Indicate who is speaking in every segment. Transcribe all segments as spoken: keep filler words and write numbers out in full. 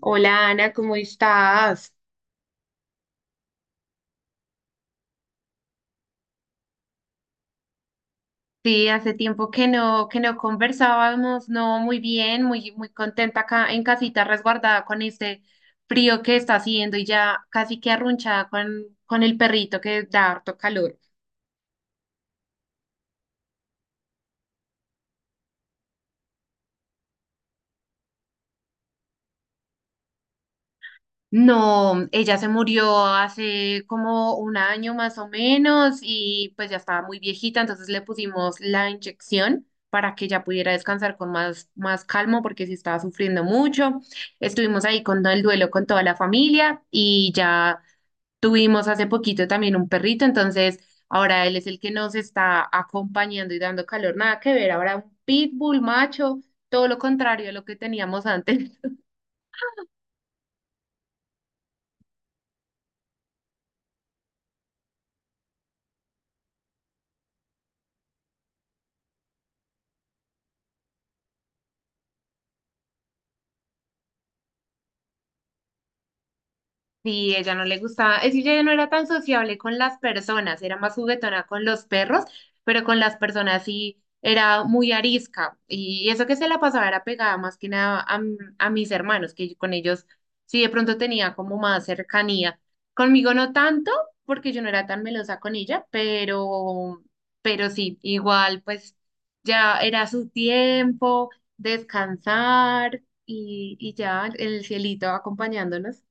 Speaker 1: Hola Ana, ¿cómo estás? Sí, hace tiempo que no, que no conversábamos, no, muy bien, muy, muy contenta acá en casita resguardada con este frío que está haciendo y ya casi que arrunchada con, con el perrito que da harto calor. No, ella se murió hace como un año más o menos y pues ya estaba muy viejita, entonces le pusimos la inyección para que ya pudiera descansar con más, más calmo porque sí estaba sufriendo mucho. Estuvimos ahí con todo el duelo con toda la familia y ya tuvimos hace poquito también un perrito, entonces ahora él es el que nos está acompañando y dando calor, nada que ver, ahora un pitbull macho, todo lo contrario a lo que teníamos antes. Sí, ella no le gustaba, es que ella no era tan sociable con las personas, era más juguetona con los perros, pero con las personas sí era muy arisca. Y eso que se la pasaba era pegada más que nada a, m- a mis hermanos, que yo con ellos sí de pronto tenía como más cercanía. Conmigo no tanto, porque yo no era tan melosa con ella, pero, pero sí, igual pues ya era su tiempo, descansar y, y ya el cielito acompañándonos.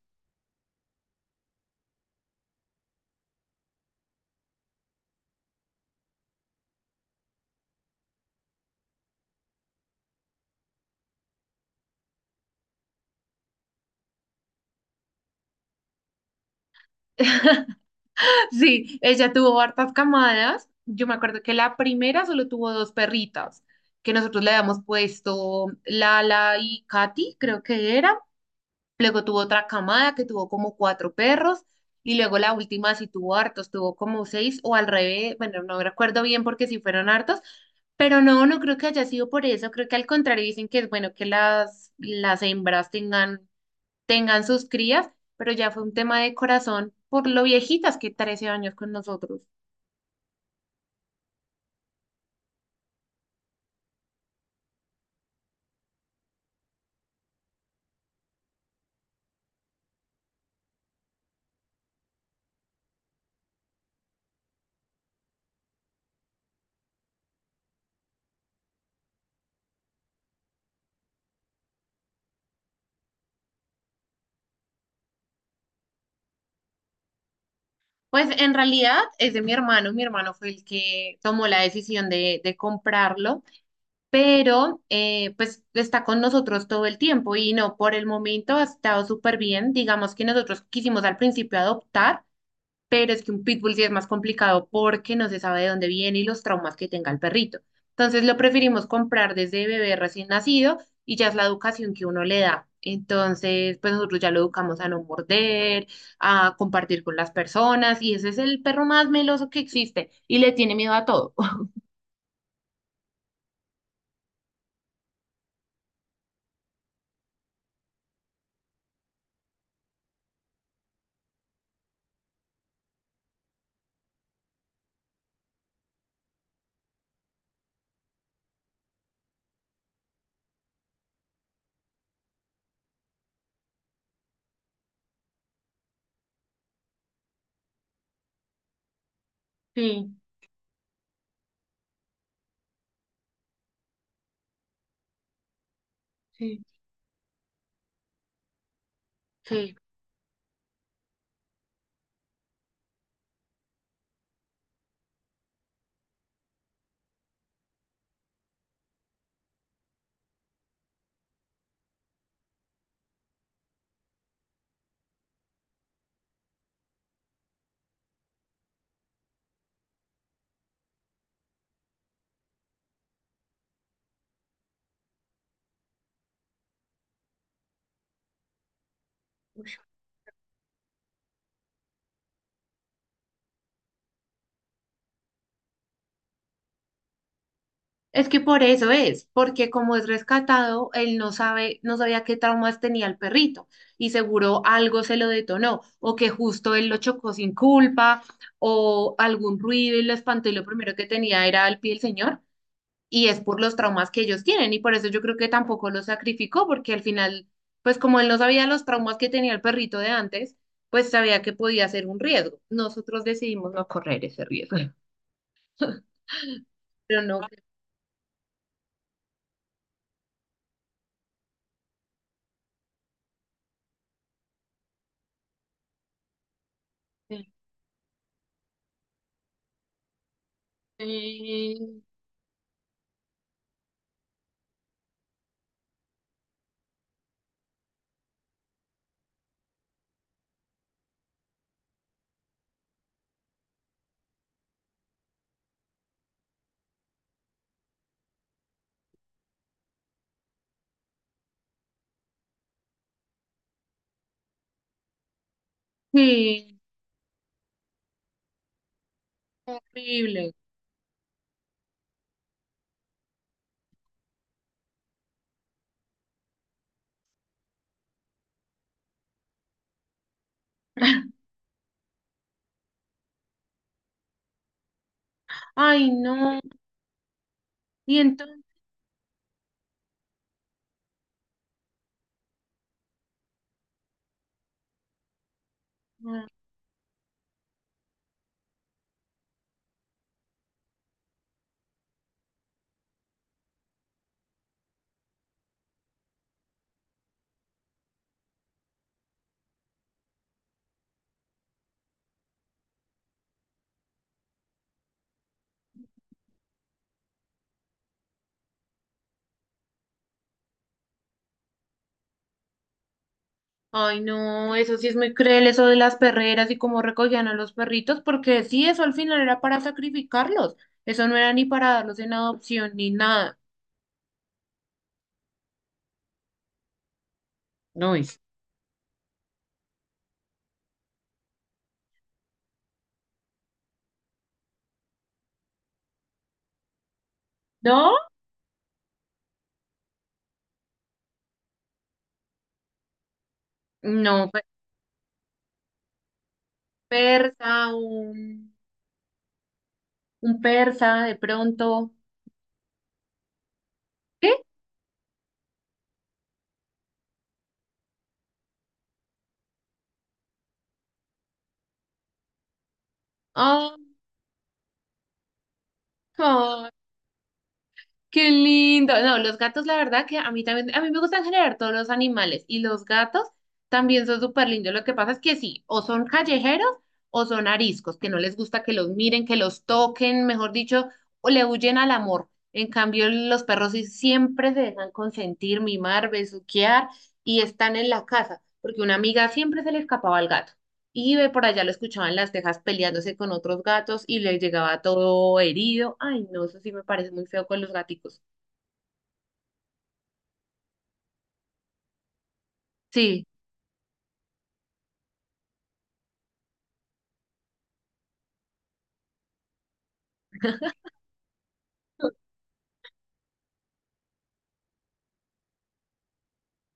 Speaker 1: Sí, ella tuvo hartas camadas. Yo me acuerdo que la primera solo tuvo dos perritas, que nosotros le habíamos puesto Lala y Katy, creo que era. Luego tuvo otra camada que tuvo como cuatro perros. Y luego la última sí tuvo hartos, tuvo como seis o al revés. Bueno, no recuerdo bien porque sí fueron hartos. Pero no, no creo que haya sido por eso. Creo que al contrario dicen que es bueno que las, las hembras tengan tengan sus crías, pero ya fue un tema de corazón por lo viejitas que trece años con nosotros. Pues en realidad es de mi hermano, mi hermano fue el que tomó la decisión de, de comprarlo, pero eh, pues está con nosotros todo el tiempo y no, por el momento ha estado súper bien. Digamos que nosotros quisimos al principio adoptar, pero es que un pitbull sí es más complicado porque no se sabe de dónde viene y los traumas que tenga el perrito. Entonces lo preferimos comprar desde bebé recién nacido y ya es la educación que uno le da. Entonces, pues nosotros ya lo educamos a no morder, a compartir con las personas y ese es el perro más meloso que existe y le tiene miedo a todo. Sí, sí. Sí. Es que por eso es, porque como es rescatado, él no sabe, no sabía qué traumas tenía el perrito y seguro algo se lo detonó o que justo él lo chocó sin culpa o algún ruido y lo espantó y lo primero que tenía era el pie del señor y es por los traumas que ellos tienen y por eso yo creo que tampoco lo sacrificó porque al final, pues como él no sabía los traumas que tenía el perrito de antes, pues sabía que podía ser un riesgo. Nosotros decidimos no correr ese riesgo, pero no. Sí, sí, horrible. Ay, no. Y entonces, ay, no, eso sí es muy cruel, eso de las perreras y cómo recogían a los perritos, porque sí, eso al final era para sacrificarlos. Eso no era ni para darlos en adopción ni nada. No es. ¿No? No, pe- persa, un, un persa de pronto. ¿Qué? Ay, no. Qué lindo. No, los gatos, la verdad que a mí también, a mí me gustan generar todos los animales y los gatos también son súper lindos. Lo que pasa es que sí, o son callejeros o son ariscos, que no les gusta que los miren, que los toquen, mejor dicho, o le huyen al amor. En cambio, los perros sí siempre se dejan consentir, mimar, besuquear y están en la casa, porque una amiga siempre se le escapaba al gato. Y ve por allá lo escuchaban las tejas peleándose con otros gatos y le llegaba todo herido. Ay, no, eso sí me parece muy feo con los gaticos. Sí.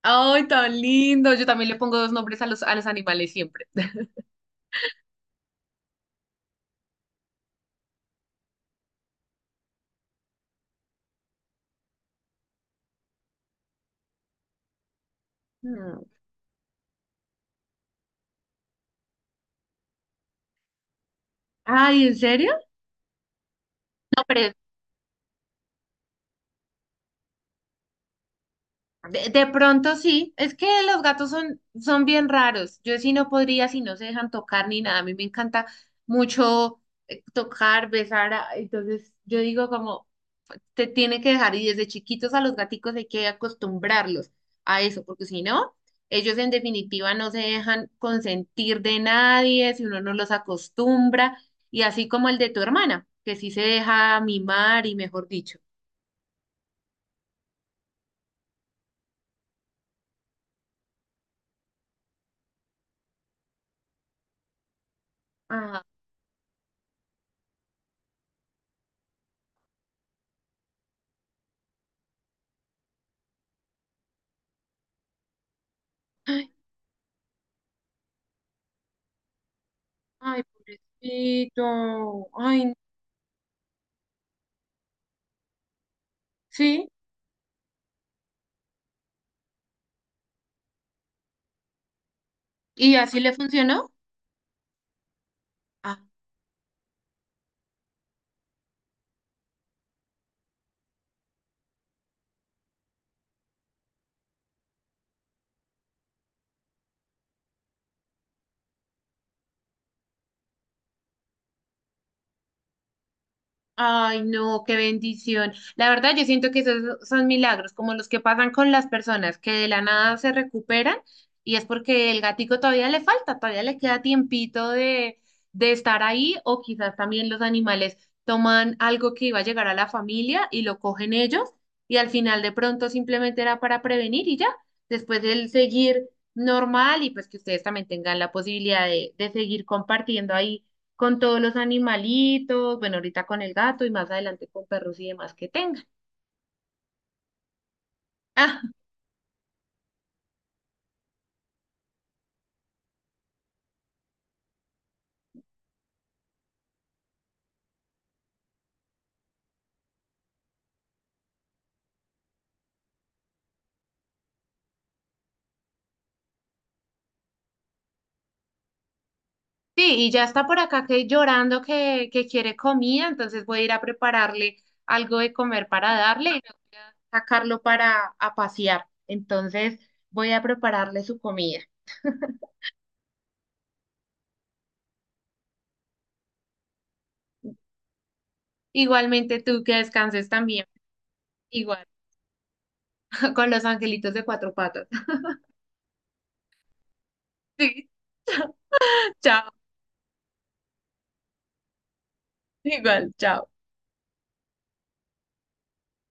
Speaker 1: Ay, tan lindo. Yo también le pongo dos nombres a los, a los animales siempre. Mm. Ay, ¿en serio? No, pero de, de pronto sí. Es que los gatos son, son bien raros. Yo sí no podría si no se dejan tocar ni nada. A mí me encanta mucho eh, tocar, besar. a- Entonces yo digo como, se tiene que dejar y desde chiquitos a los gaticos hay que acostumbrarlos a eso, porque si no, ellos en definitiva no se dejan consentir de nadie, si uno no los acostumbra, y así como el de tu hermana, que sí se deja mimar y mejor dicho. Ah, ay, ay, pobrecito. Ay, sí. ¿Y así le funcionó? Ay, no, qué bendición. La verdad, yo siento que esos son milagros, como los que pasan con las personas que de la nada se recuperan y es porque el gatico todavía le falta, todavía le queda tiempito de, de estar ahí o quizás también los animales toman algo que iba a llegar a la familia y lo cogen ellos y al final de pronto simplemente era para prevenir y ya, después el seguir normal y pues que ustedes también tengan la posibilidad de, de seguir compartiendo ahí con todos los animalitos, bueno, ahorita con el gato y más adelante con perros y demás que tengan. Ah, sí, y ya está por acá que llorando que, que quiere comida, entonces voy a ir a prepararle algo de comer para darle y voy a sacarlo para a pasear. Entonces voy a prepararle su comida. Igualmente tú que descanses también, igual, con los angelitos de cuatro patas. Sí.